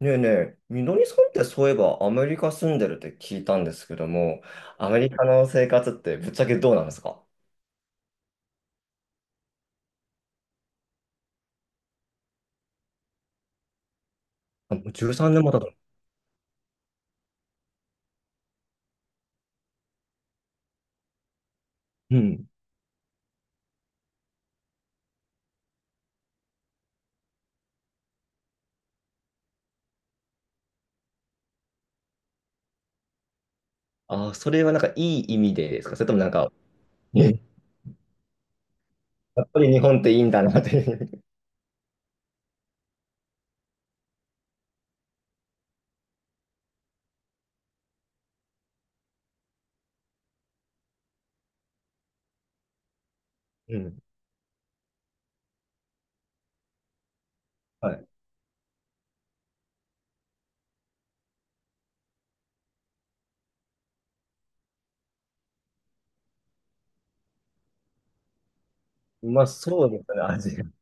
ねえねえ、みのりさんってそういえばアメリカ住んでるって聞いたんですけども、アメリカの生活ってぶっちゃけどうなんですか？あ、もう13年も経ったの？うん。あ、それはなんかいい意味でですか、それともなんか、え、やっぱり日本っていいんだなっていう。うん。はい。まあそうですね、アジア。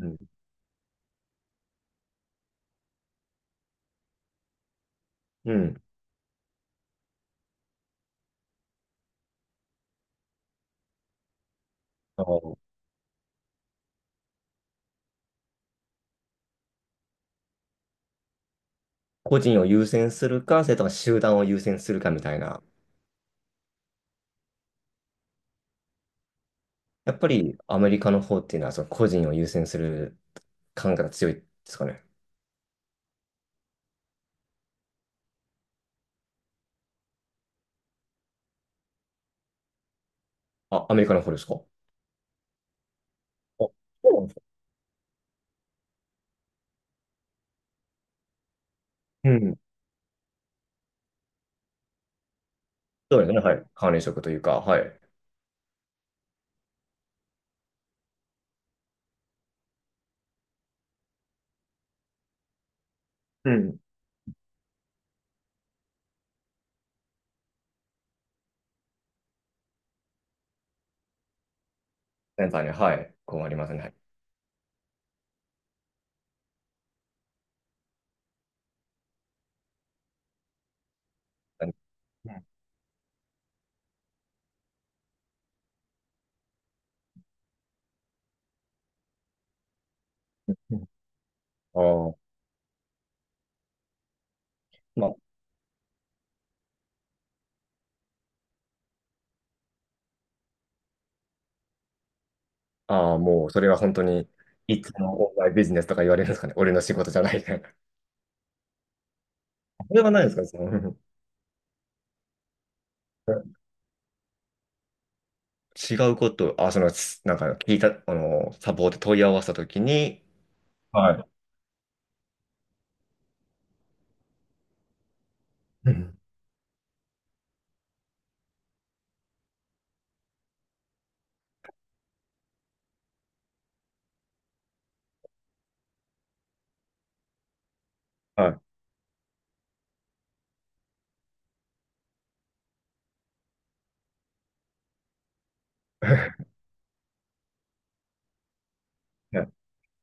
うん。うん。あの個人を優先するか、それとも集団を優先するかみたいな。やっぱりアメリカの方っていうのはその個人を優先する感覚が強いですかね？あ、アメリカの方ですか？あ、そうなんですね。うん。そうですね、はい。管理職というか、はい。うん。センターに、はい。こうありますね。はい。うん。ああ、まあ、ああ、もう、それは本当に、いつもオンラインビジネスとか言われるんですかね。俺の仕事じゃないみたいな。それはないですか、その、違うこと、あ、その、す、聞いた、サポート問い合わせたときに、はい。うん、はい。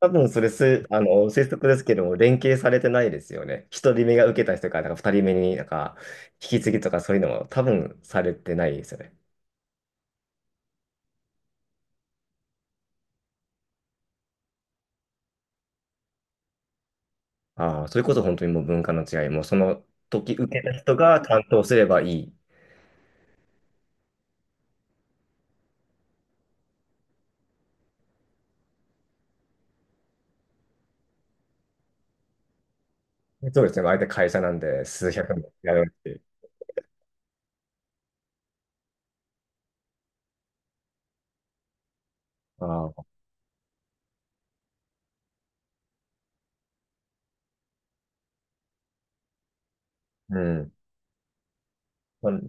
多分それす、推測ですけども、連携されてないですよね。一人目が受けた人から、なんか二人目になんか、引き継ぎとかそういうのも多分されてないですよね。ああ、それこそ本当にもう文化の違い、もうその時受けた人が担当すればいい。そうですね。相手会社なんで、数百もやるっていう。ああ、うん。まあ、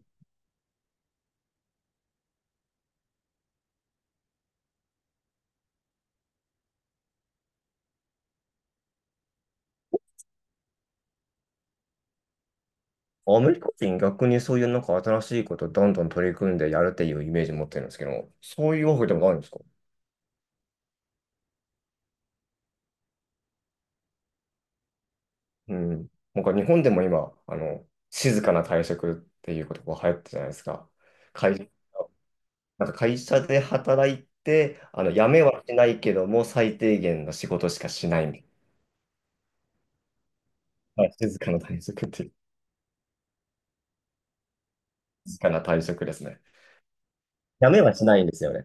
アメリカ人逆にそういうなんか新しいことをどんどん取り組んでやるっていうイメージ持ってるんですけど、そういうわけでもあるんですか？うん。なんか日本でも今、静かな退職っていう言葉流行ってるじゃないですか。会社、なんか会社で働いて、辞めはしないけども、最低限の仕事しかしないみたいな。はい、静かな退職っていう、静かな退職ですね。辞めはしないんですよね。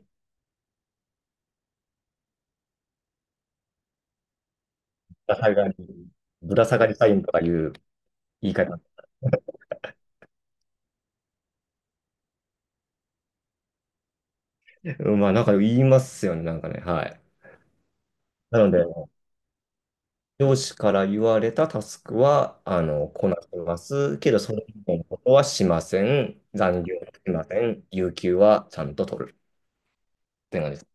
ぶら下がり、ぶら下がり社員とかいう言い方。うん、まあ、なんか言いますよね、なんかね。はい。なので、上司から言われたタスクは、こなします。けど、それ以外のことはしません。残業はしません。有給はちゃんと取るって感じです。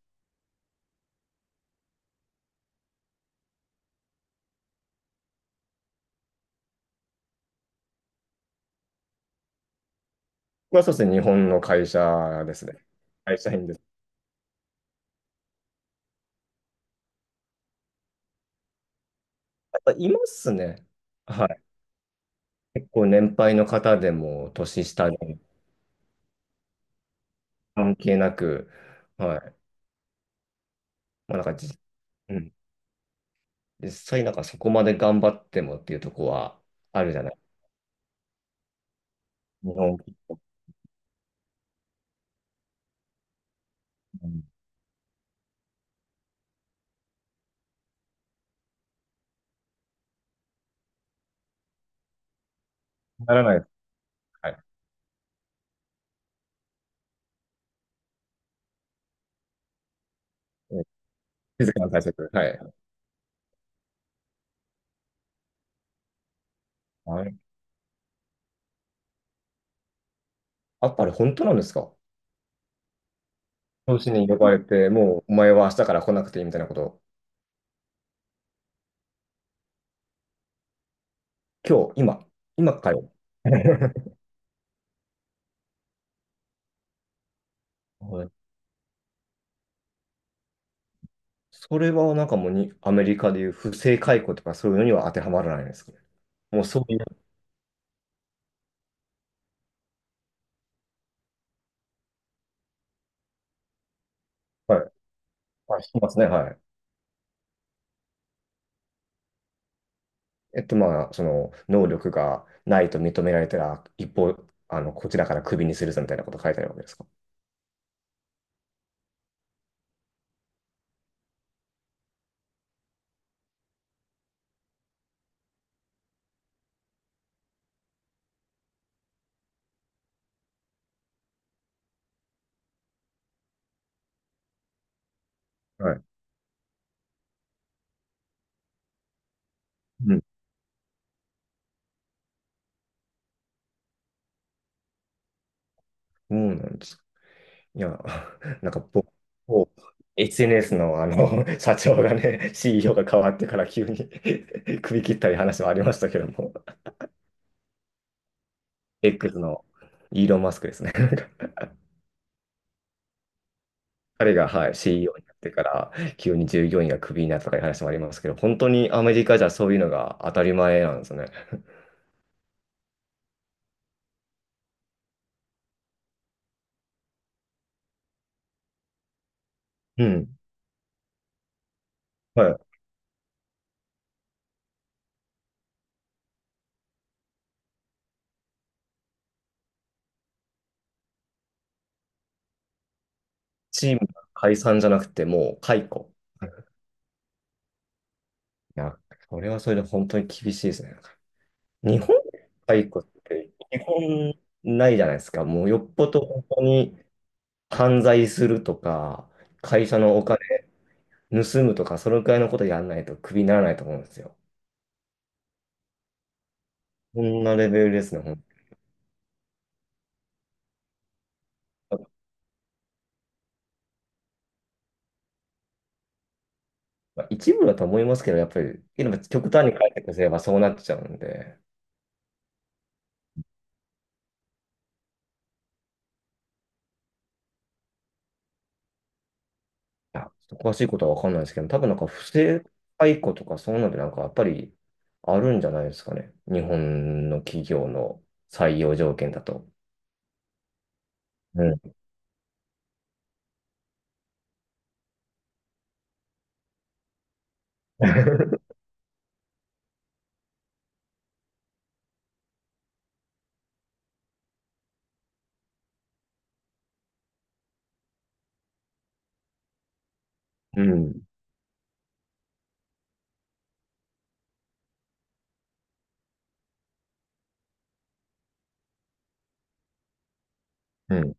まあ、そうですね。日本の会社ですね。会社員です。やっぱいますね。はい。結構年配の方でも、年下でも関係なく、はい。まあ、なんかじ、うん。実際なんかそこまで頑張ってもっていうとこはあるじゃない。日本、うん、ならないです。はい。うん、静かな対策。はい。あ、あれ本当なんですか？上司に呼ばれて、もうお前は明日から来なくていいみたいなことを。今日、今、今かよ。はい。それはなんかもうにアメリカでいう不正解雇とかそういうのには当てはまらないんですかね。もうそういう、はい。あ、いしますね、はい。えっと、まあ、その、能力がないと認められたら、一方、こちらからクビにするぞみたいなこと書いてあるわけですか？はい。うん。そうなんです。いや、なんかぼ、ぼ SNS のあの、社長がね、CEO が変わってから急に 首切ったり話もありましたけども、X のイーロン・マスクですね。彼が、はい、CEO になってから急に従業員がクビになったとかいう話もありますけど、本当にアメリカじゃそういうのが当たり前なんですね。うん。はい。チームが解散じゃなくてもう解雇。いや、それはそれで本当に厳しいですね。日本解雇って基本ないじゃないですか。もうよっぽど本当に犯罪するとか、会社のお金盗むとか、そのくらいのことやんないとクビにならないと思うんですよ。こんなレベルですね、ほんと。まあ一部だと思いますけど、やっぱり、やっぱ極端に解雇すればそうなっちゃうんで、いやちょっと詳しいことはわかんないですけど、多分なんか不正解雇とかそういうのでなんかやっぱりあるんじゃないですかね。日本の企業の採用条件だと。うん。うん。うん、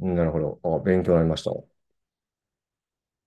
なるほど。あ、勉強になりました。